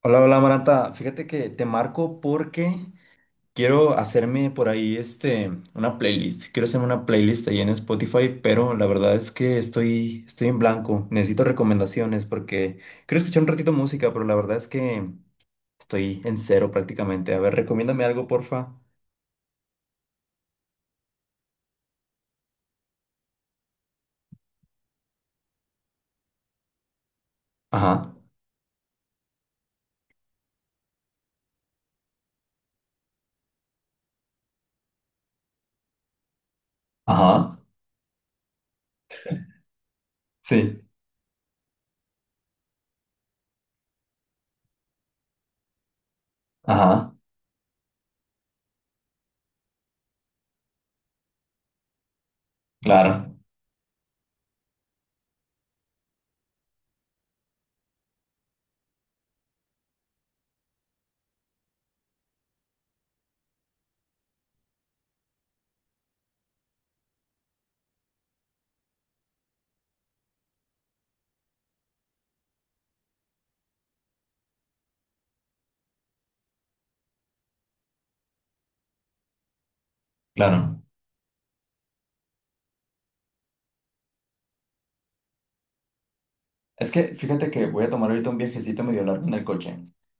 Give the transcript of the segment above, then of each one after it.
Hola, hola Maranta. Fíjate que te marco porque quiero hacerme por ahí una playlist. Quiero hacerme una playlist ahí en Spotify, pero la verdad es que estoy en blanco. Necesito recomendaciones porque quiero escuchar un ratito música, pero la verdad es que estoy en cero prácticamente. A ver, recomiéndame algo, porfa. Ajá. Ajá. Sí. Ajá. Claro. Claro. Es que fíjate que voy a tomar ahorita un viajecito medio largo en el coche.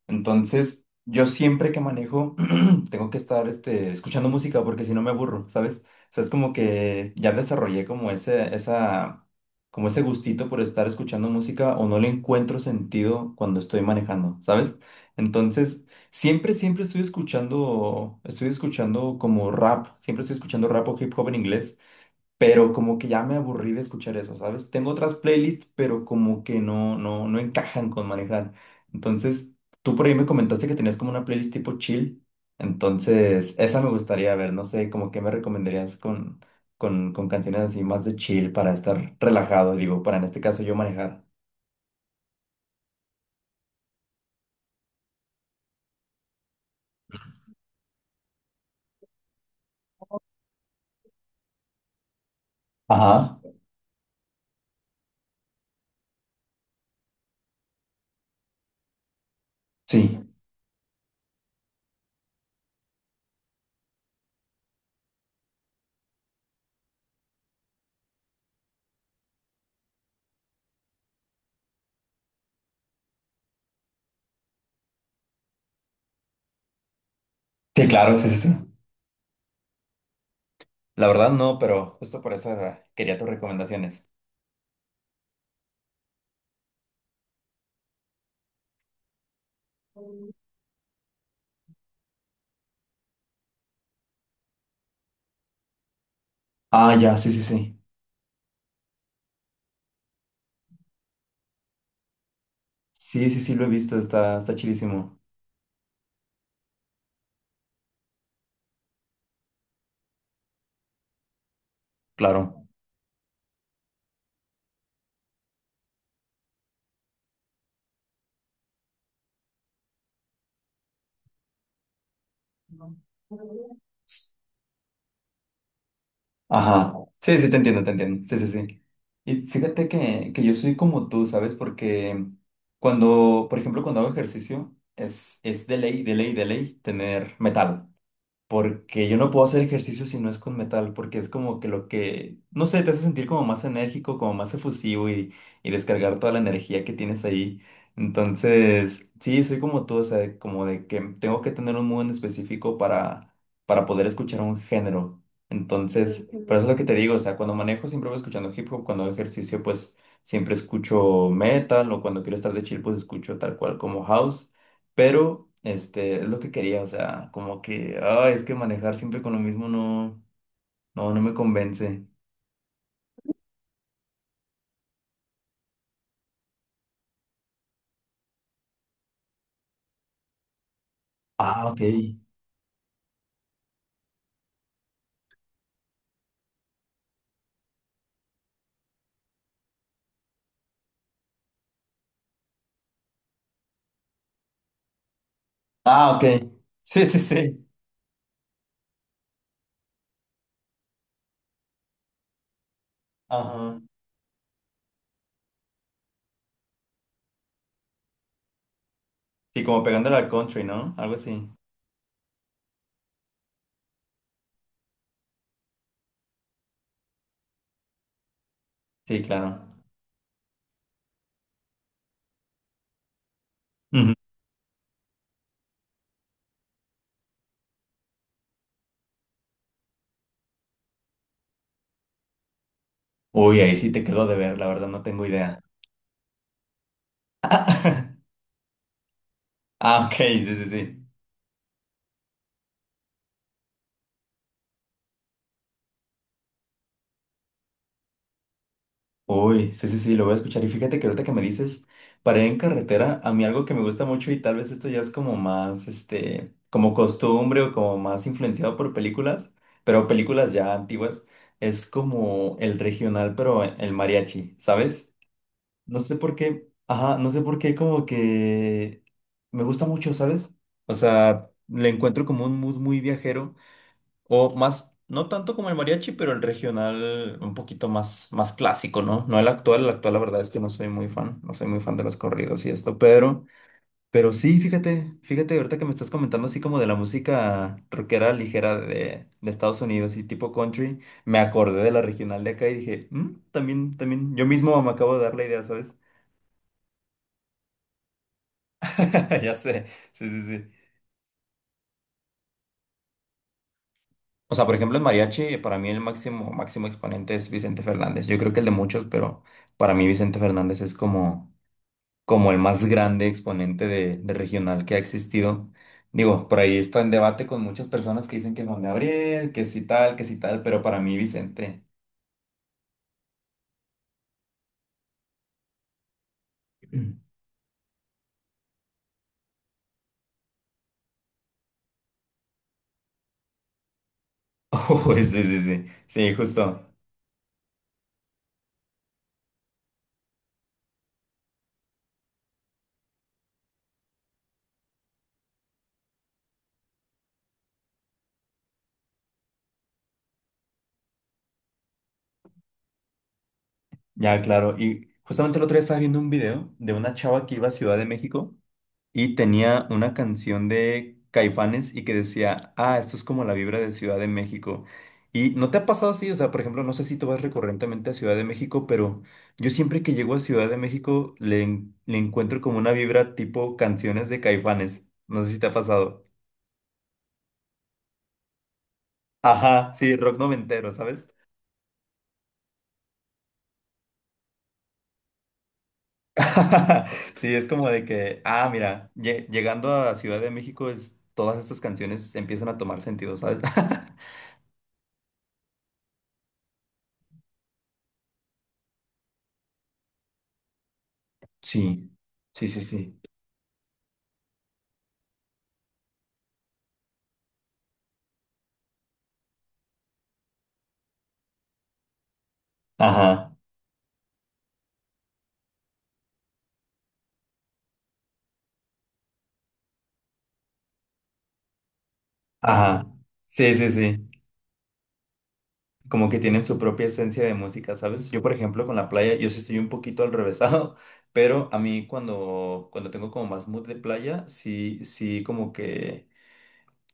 Entonces, yo siempre que manejo, tengo que estar escuchando música porque si no me aburro, ¿sabes? O sea, es como que ya desarrollé como ese gustito por estar escuchando música o no le encuentro sentido cuando estoy manejando, ¿sabes? Entonces, siempre, siempre estoy escuchando como rap, siempre estoy escuchando rap o hip hop en inglés, pero como que ya me aburrí de escuchar eso, ¿sabes? Tengo otras playlists, pero como que no encajan con manejar. Entonces, tú por ahí me comentaste que tenías como una playlist tipo chill, entonces esa me gustaría ver, no sé, como que me recomendarías con canciones así más de chill para estar relajado, digo, para en este caso yo manejar. Ajá, sí, sí, claro, sí, sí, sí. La verdad no, pero justo por eso quería tus recomendaciones. Ah, ya, sí, sí, sí. Sí, sí, sí, lo he visto, está, está chilísimo. Claro. Ajá, sí, sí, te entiendo, sí, sí, sí. Y fíjate que yo soy como tú, ¿sabes? Porque cuando, por ejemplo, cuando hago ejercicio, es de ley, de ley, de ley tener metal porque yo no puedo hacer ejercicio si no es con metal, porque es como que lo que, no sé, te hace sentir como más enérgico, como más efusivo y descargar toda la energía que tienes ahí. Entonces, sí, soy como tú, o sea, como de que tengo que tener un mood en específico para poder escuchar un género. Entonces, por eso es lo que te digo, o sea, cuando manejo siempre voy escuchando hip hop, cuando hago ejercicio pues siempre escucho metal o cuando quiero estar de chill pues escucho tal cual como house. Pero, es lo que quería, o sea, como que, ah, es que manejar siempre con lo mismo no me convence. Ah, ok. Ah, ok. Sí, sí, sí. Ajá. Sí, como pegándole al country, ¿no? Algo así. Sí, claro. Ujú. Uy, ahí sí te quedó de ver, la verdad no tengo idea. Ah, ok, sí, sí, sí. Uy, sí, sí, sí, lo voy a escuchar. Y fíjate que ahorita que me dices, para ir en carretera, a mí algo que me gusta mucho y tal vez esto ya es como más, como costumbre o como más influenciado por películas, pero películas ya antiguas, es como el regional, pero el mariachi, ¿sabes? No sé por qué, ajá, no sé por qué como que me gusta mucho, ¿sabes? O sea, le encuentro como un mood muy viajero o más, no tanto como el mariachi, pero el regional un poquito más, más clásico, ¿no? No el actual, el actual la verdad es que no soy muy fan, no soy muy fan de los corridos y esto, pero sí, fíjate, fíjate ahorita que me estás comentando así como de la música rockera ligera de Estados Unidos y tipo country, me acordé de la regional de acá y dije, "Mm, también, también, yo mismo me acabo de dar la idea, ¿sabes?" Ya sé, sí, sí, sí. O sea, por ejemplo, en mariachi, para mí el máximo, máximo exponente es Vicente Fernández. Yo creo que el de muchos, pero para mí Vicente Fernández es como, como el más grande exponente de regional que ha existido. Digo, por ahí está en debate con muchas personas que dicen que Juan Gabriel, que sí tal, pero para mí Vicente. Oh, sí, sí, sí. Sí, justo. Ya, claro. Y justamente el otro día estaba viendo un video de una chava que iba a Ciudad de México, y tenía una canción de Caifanes y que decía, ah, esto es como la vibra de Ciudad de México. Y no te ha pasado así, o sea, por ejemplo, no sé si tú vas recurrentemente a Ciudad de México, pero yo siempre que llego a Ciudad de México le encuentro como una vibra tipo canciones de Caifanes. No sé si te ha pasado. Ajá, sí, rock noventero, ¿sabes? Sí, es como de que, ah, mira, llegando a Ciudad de México, es, todas estas canciones empiezan a tomar sentido, ¿sabes? Sí, sí, sí, sí. Ajá. Ajá, sí, sí, sí. Como que tienen su propia esencia de música, ¿sabes? Yo, por ejemplo, con la playa, yo sí estoy un poquito al revésado, pero a mí cuando, cuando tengo como más mood de playa, sí, sí, como que...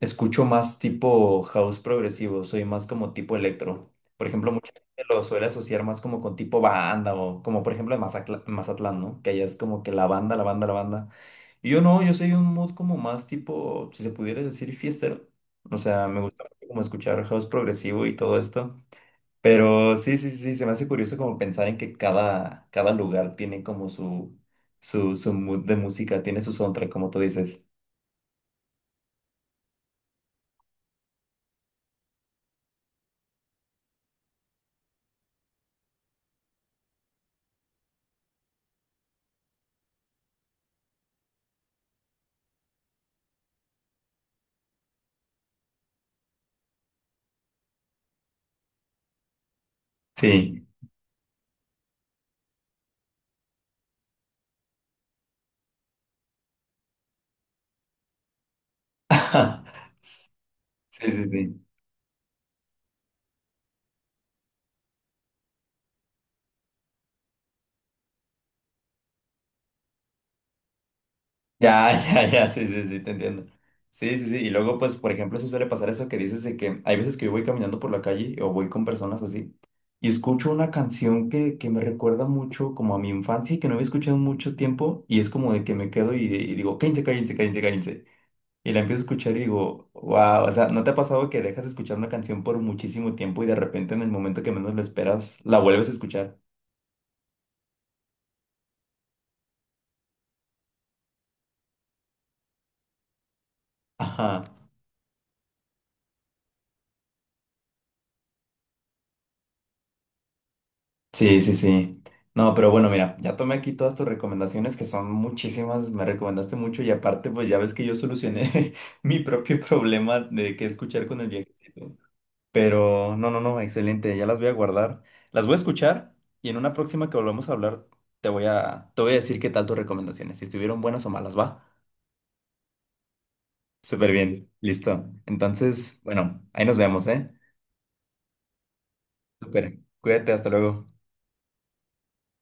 Escucho más tipo house progresivo, soy más como tipo electro. Por ejemplo, mucha gente lo suele asociar más como con tipo banda o como por ejemplo en Mazatlán, ¿no? Que allá es como que la banda, la banda, la banda. Y yo no, yo soy un mood como más tipo, si se pudiera decir, fiestero. O sea, me gusta mucho como escuchar house progresivo y todo esto. Pero sí, sí, sí, se me hace curioso como pensar en que cada, cada lugar tiene como su mood de música, tiene su soundtrack, como tú dices. Sí. Sí, sí, sí. Ya, ya, ya, sí, sí, sí, te entiendo. Sí, sí, sí. Y luego, pues, por ejemplo, se suele pasar eso que dices de que hay veces que yo voy caminando por la calle o voy con personas así y escucho una canción que me recuerda mucho como a mi infancia y que no había escuchado en mucho tiempo y es como de que me quedo y digo, cállense, cállense, cállense, cállense. Y la empiezo a escuchar y digo, wow, o sea, ¿no te ha pasado que dejas de escuchar una canción por muchísimo tiempo y de repente en el momento que menos lo esperas la vuelves a escuchar? Ajá. Sí, sí, sí. No, pero bueno, mira, ya tomé aquí todas tus recomendaciones, que son muchísimas, me recomendaste mucho y aparte, pues ya ves que yo solucioné mi propio problema de qué escuchar con el viejecito. Pero no, no, no, excelente, ya las voy a guardar. Las voy a escuchar y en una próxima que volvamos a hablar, te voy a decir qué tal tus recomendaciones, si estuvieron buenas o malas, ¿va? Súper bien, listo. Entonces, bueno, ahí nos vemos, ¿eh? Súper, cuídate, hasta luego.